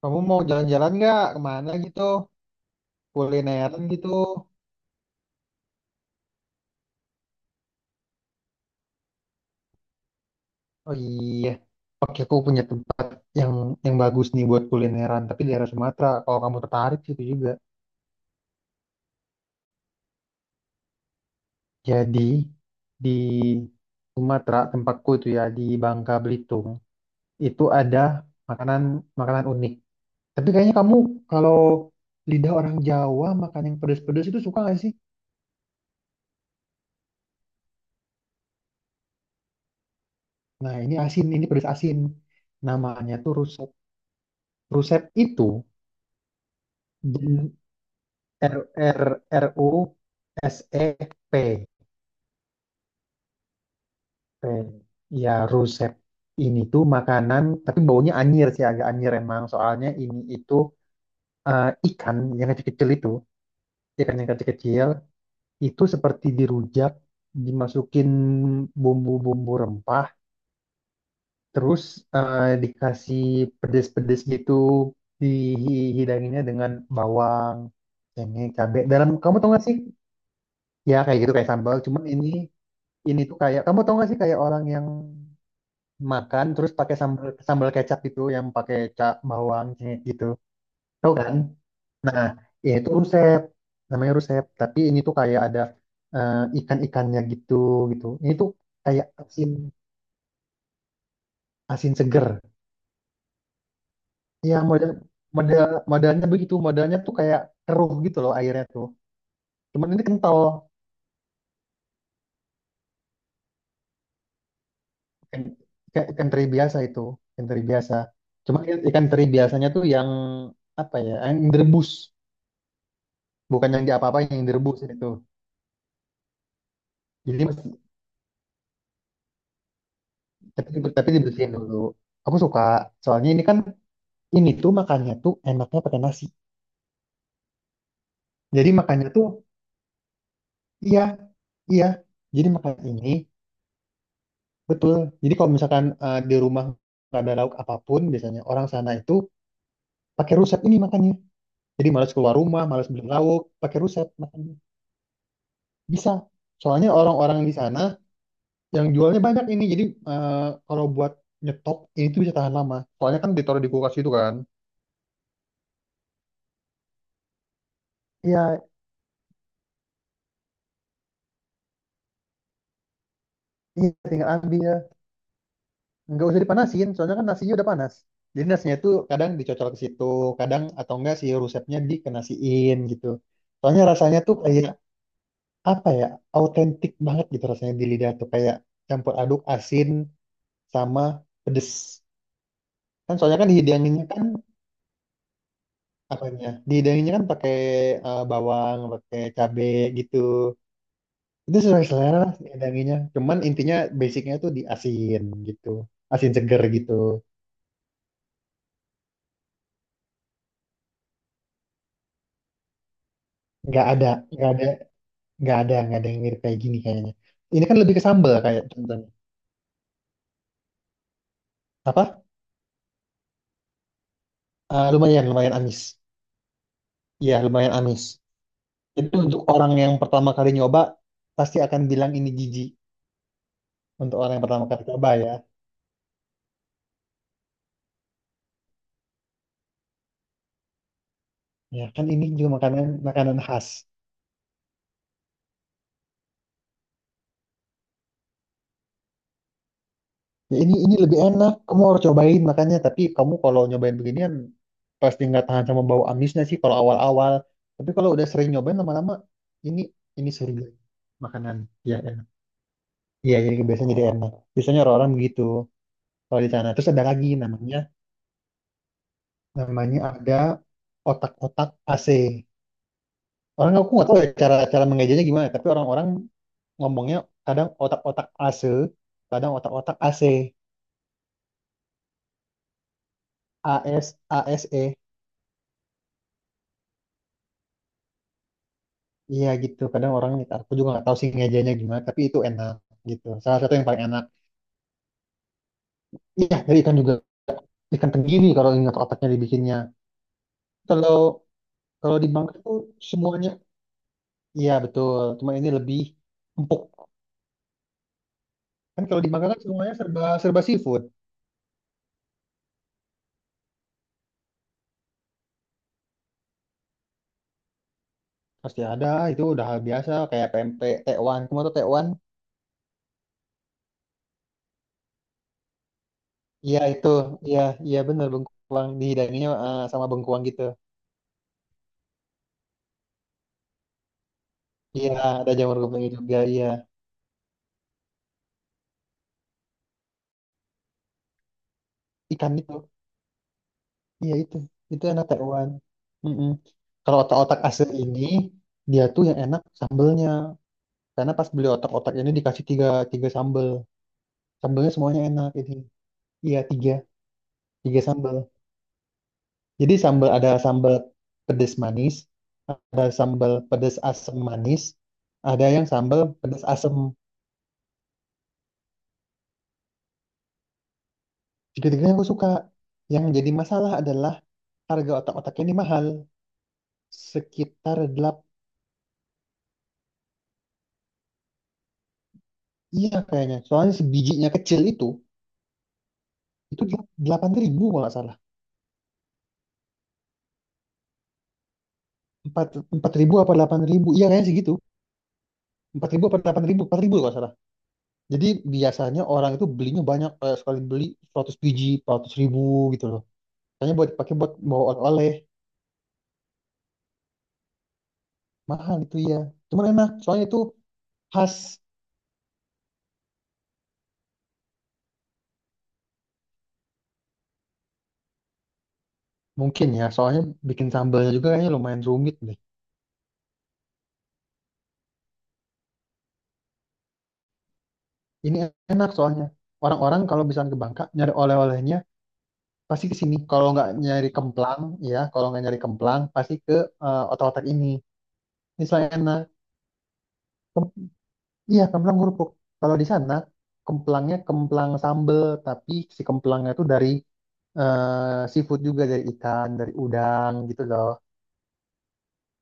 Kamu mau jalan-jalan nggak kemana gitu? Kulineran gitu. Oh iya, oke aku punya tempat yang yang bagus nih buat kulineran, tapi di daerah Sumatera. Kalau kamu tertarik situ juga. Jadi di Sumatera tempatku itu ya di Bangka Belitung itu ada makanan makanan unik. Tapi kayaknya kamu kalau lidah orang Jawa makan yang pedas-pedas itu suka nggak sih? Nah ini asin, ini pedas asin. Namanya tuh rusep. Rusep itu jen- R R R U S E P P. Ya rusep ini tuh makanan tapi baunya anyir sih, agak anyir emang, soalnya ini itu ikan yang kecil-kecil itu. Ikan yang kecil-kecil itu seperti dirujak, dimasukin bumbu-bumbu rempah, terus dikasih pedes-pedes gitu, dihidanginnya dengan bawang, cengkeh, cabai dalam, kamu tau gak sih? Ya kayak gitu, kayak sambal, cuman ini tuh kayak, kamu tau gak sih, kayak orang yang makan terus pakai sambal sambal kecap gitu, yang pakai cak bawang, cengkeh gitu, tau kan? Nah, ya itu rusep. Namanya rusep, tapi ini tuh kayak ada ikan-ikannya gitu, gitu ini tuh kayak asin, asin seger. Ya model model modelnya begitu, modelnya tuh kayak keruh gitu loh airnya tuh, cuman ini kental. Ikan, ikan ikan teri biasa itu, ikan teri biasa. Cuman ikan teri biasanya tuh yang apa ya, yang direbus. Bukan yang diapa-apain, yang direbus itu. Jadi mas- tapi, tapi dibersihin dulu. Aku suka. Soalnya ini kan, ini tuh makannya tuh enaknya pakai nasi. Jadi makannya tuh iya, iya. Jadi makan ini, betul. Jadi kalau misalkan di rumah nggak ada lauk apapun, biasanya orang sana itu pakai rusep ini makannya. Jadi malas keluar rumah, malas beli lauk, pakai rusep makannya. Bisa. Soalnya orang-orang di sana yang jualnya banyak ini. Jadi eh, kalau buat nyetok ini tuh bisa tahan lama. Soalnya kan ditaruh di kulkas itu kan. Iya, iya, tinggal ambil. Nggak usah dipanasin, soalnya kan nasinya udah panas. Jadi nasinya itu kadang dicocol ke situ, kadang atau enggak si rusepnya dikenasiin gitu. Soalnya rasanya tuh kayak apa ya, autentik banget gitu rasanya di lidah tuh kayak campur aduk asin sama pedes. Kan soalnya kan dihidanginnya kan apanya? Dihidanginnya kan pakai bawang, pakai cabe gitu. Itu sesuai selera lah dihidanginnya. Cuman intinya basicnya tuh di asin gitu, asin seger gitu. Nggak ada nggak ada nggak ada nggak ada yang mirip kayak gini kayaknya. Ini kan lebih ke sambal, kayak contohnya apa. Lumayan lumayan amis. Iya lumayan amis. Itu untuk orang yang pertama kali nyoba pasti akan bilang ini jijik. Untuk orang yang pertama kali coba ya, ya kan ini juga makanan makanan khas. Ya ini lebih enak, kamu harus cobain makanya. Tapi kamu kalau nyobain beginian pasti nggak tahan sama bau amisnya sih kalau awal-awal. Tapi kalau udah sering nyobain lama-lama, ini ini surga makanan, ya enak. Iya jadi biasanya jadi enak, biasanya orang-orang begitu. Kalau di sana terus ada lagi namanya, ada otak-otak AC. Orang aku nggak tahu ya cara cara mengejanya gimana, tapi orang-orang ngomongnya kadang otak-otak AC, kadang otak-otak AC, AS, ASE. Iya gitu. Kadang orang, aku juga nggak tahu sih ngejanya gimana, tapi itu enak gitu. Salah satu yang paling enak. Iya, dari ikan juga, ikan tenggiri kalau ingat otaknya dibikinnya. Kalau Kalau di Bangka itu semuanya, iya betul, cuma ini lebih empuk. Kan kalau di Bangka kan semuanya serba serba seafood. Pasti ada, itu udah hal biasa kayak PMP, tekwan. Kamu tuh tekwan? Iya itu, iya, iya bener bengkuang, dihidanginya sama bengkuang gitu. Iya ada jamur gempenya juga, iya ikan itu, iya itu enak tekwan. Mm-mm. Kalau otak-otak asin ini dia tuh yang enak sambelnya, karena pas beli otak-otak ini dikasih tiga, sambel, sambelnya semuanya enak ini. Iya tiga, sambel. Jadi sambal ada sambal pedas manis, ada sambal pedas asam manis, ada yang sambal pedas asam. Tiga-tiganya aku suka. Yang jadi masalah adalah harga otak-otak ini mahal. Sekitar 8, iya kayaknya. Soalnya sebijinya kecil itu, 8.000 kalau nggak salah. 4, 4.000 apa 8.000, iya kayaknya segitu. 4.000 apa 8.000? 4.000 kalau nggak salah. Jadi biasanya orang itu belinya banyak, kayak sekali beli 100 biji, 400.000 gitu loh. Kayaknya buat dipakai buat bawa oleh-oleh. Mahal itu ya. Cuman enak, soalnya itu khas, mungkin ya. Soalnya bikin sambalnya juga kayaknya lumayan rumit deh. Ini enak soalnya. Orang-orang kalau misalnya ke Bangka nyari oleh-olehnya pasti ke sini. Kalau nggak nyari kemplang, ya, kalau nggak nyari kemplang pasti ke otak-otak ini. Ini soalnya enak. Kem- iya, kemplang kerupuk. Kalau di sana kemplangnya kemplang sambel, tapi si kemplangnya itu dari seafood, juga dari ikan, dari udang gitu loh.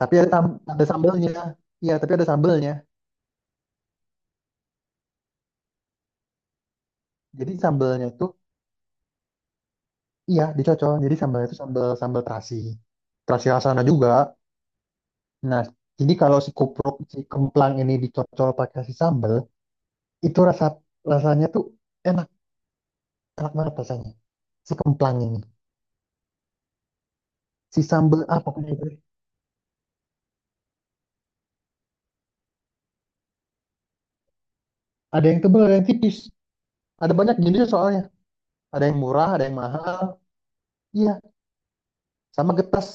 Tapi ada, ada sambelnya. Iya, tapi ada sambelnya. Jadi sambalnya itu, iya dicocol. Jadi sambalnya itu sambal sambal terasi. Terasi rasana juga. Nah, jadi kalau si kemplang ini dicocol pakai si sambal, itu rasanya tuh enak, enak banget rasanya. Si kemplang ini. Si sambal apa itu? Ada yang tebal, ada yang tipis. Ada banyak jenisnya soalnya. Ada yang murah, ada yang mahal. Iya, sama getas.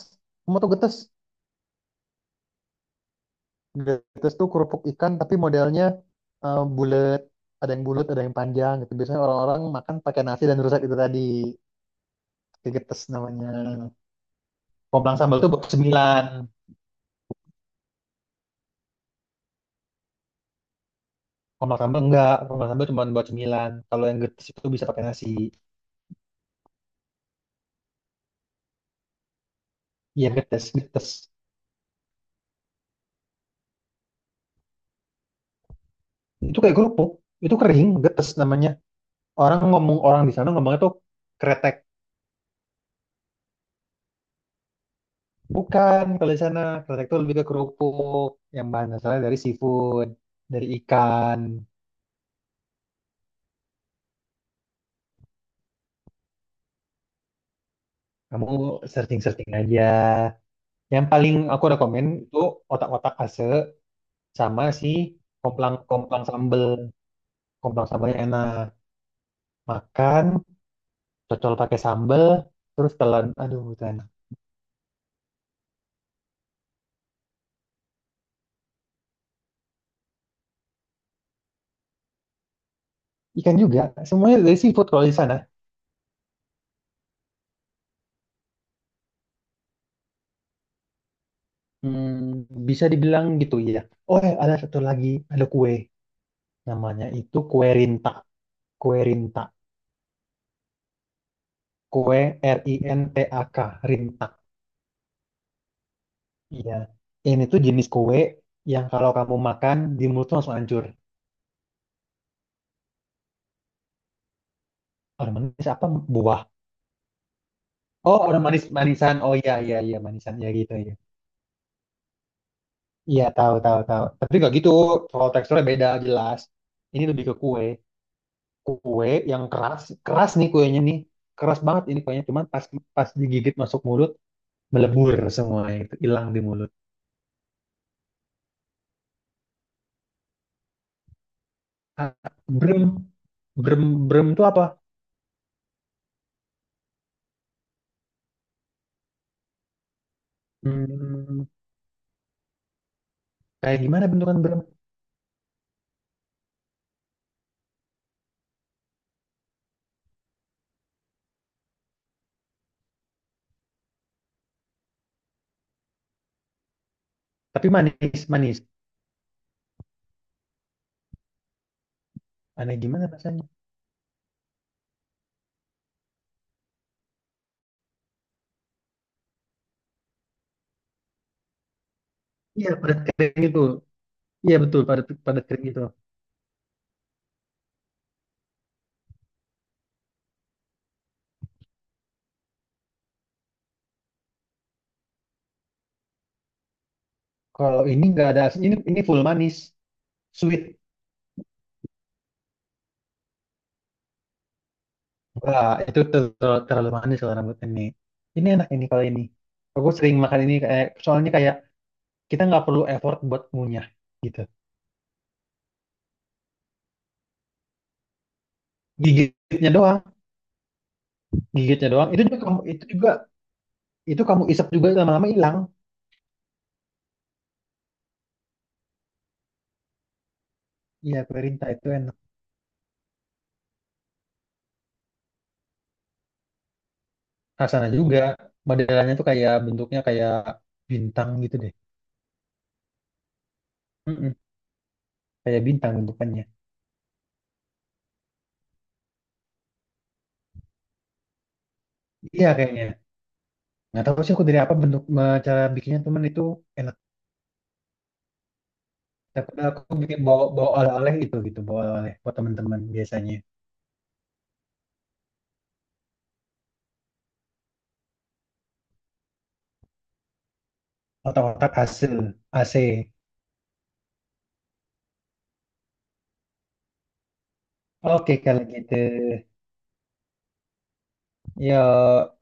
Kamu tau getas? Getas tuh kerupuk ikan tapi modelnya eh, bulat ada yang bulat, ada yang panjang gitu. Biasanya orang-orang makan pakai nasi dan rusak itu tadi. Kegetes namanya. Komplang sambal tuh buat sembilan. Komplang sambal enggak. Komplang sambal cuma buat sembilan. Kalau yang getes itu bisa pakai nasi. Iya getes, getes. Itu kayak kerupuk. Itu kering, getes namanya. Orang di sana ngomongnya tuh kretek. Bukan, kalau di sana kretek tuh lebih ke kerupuk yang bahan asalnya dari seafood, dari ikan. Kamu searching-searching aja. Yang paling aku rekomen itu otak-otak ase sama si komplang komplang sambel. Komplang sambalnya enak, makan cocol pakai sambal terus telan, aduh itu. Ikan juga, semuanya dari seafood kalau di sana. Bisa dibilang gitu ya. Oh, ada satu lagi, ada kue namanya itu kue rinta, kue rinta kue R I N T A K, rinta. Iya, ini tuh jenis kue yang kalau kamu makan di mulut tuh langsung hancur. Orang manis apa buah, oh orang manis, manisan, oh iya iya iya, manisan ya gitu ya. Iya tahu, tahu, tahu. Tapi nggak gitu. Kalau teksturnya beda jelas. Ini lebih ke kue. Kue yang keras, keras nih kuenya nih. Keras banget ini kuenya. Cuman pas pas digigit masuk mulut melebur semua, itu hilang di mulut. Ah, brem brem brem itu apa? Hmm, kayak gimana bentukan brem? Tapi manis, manis. Aneh gimana rasanya? Iya padat kering itu. Iya betul, padat padat kering itu. Kalau ini nggak ada asin. Ini full manis, sweet. Wah, itu terlalu manis kalau rambut ini. Ini enak ini kalau ini. Aku sering makan ini kayak, soalnya kayak kita nggak perlu effort buat ngunyah gitu. Gigitnya doang, gigitnya doang. Itu juga kamu, itu juga itu, kamu isap juga lama-lama hilang. Iya, perintah itu enak. Rasanya juga modelannya tuh kayak bentuknya kayak bintang gitu deh. Mm-mm, kayak bintang bentukannya. Iya kayaknya. Nggak tahu sih aku dari apa, bentuk cara bikinnya teman, itu enak. Tapi aku bikin bawa bawa oleh-oleh itu gitu, bawa oleh-oleh buat teman-teman biasanya. Otak-otak hasil AC. Oke kalau gitu. Yuk.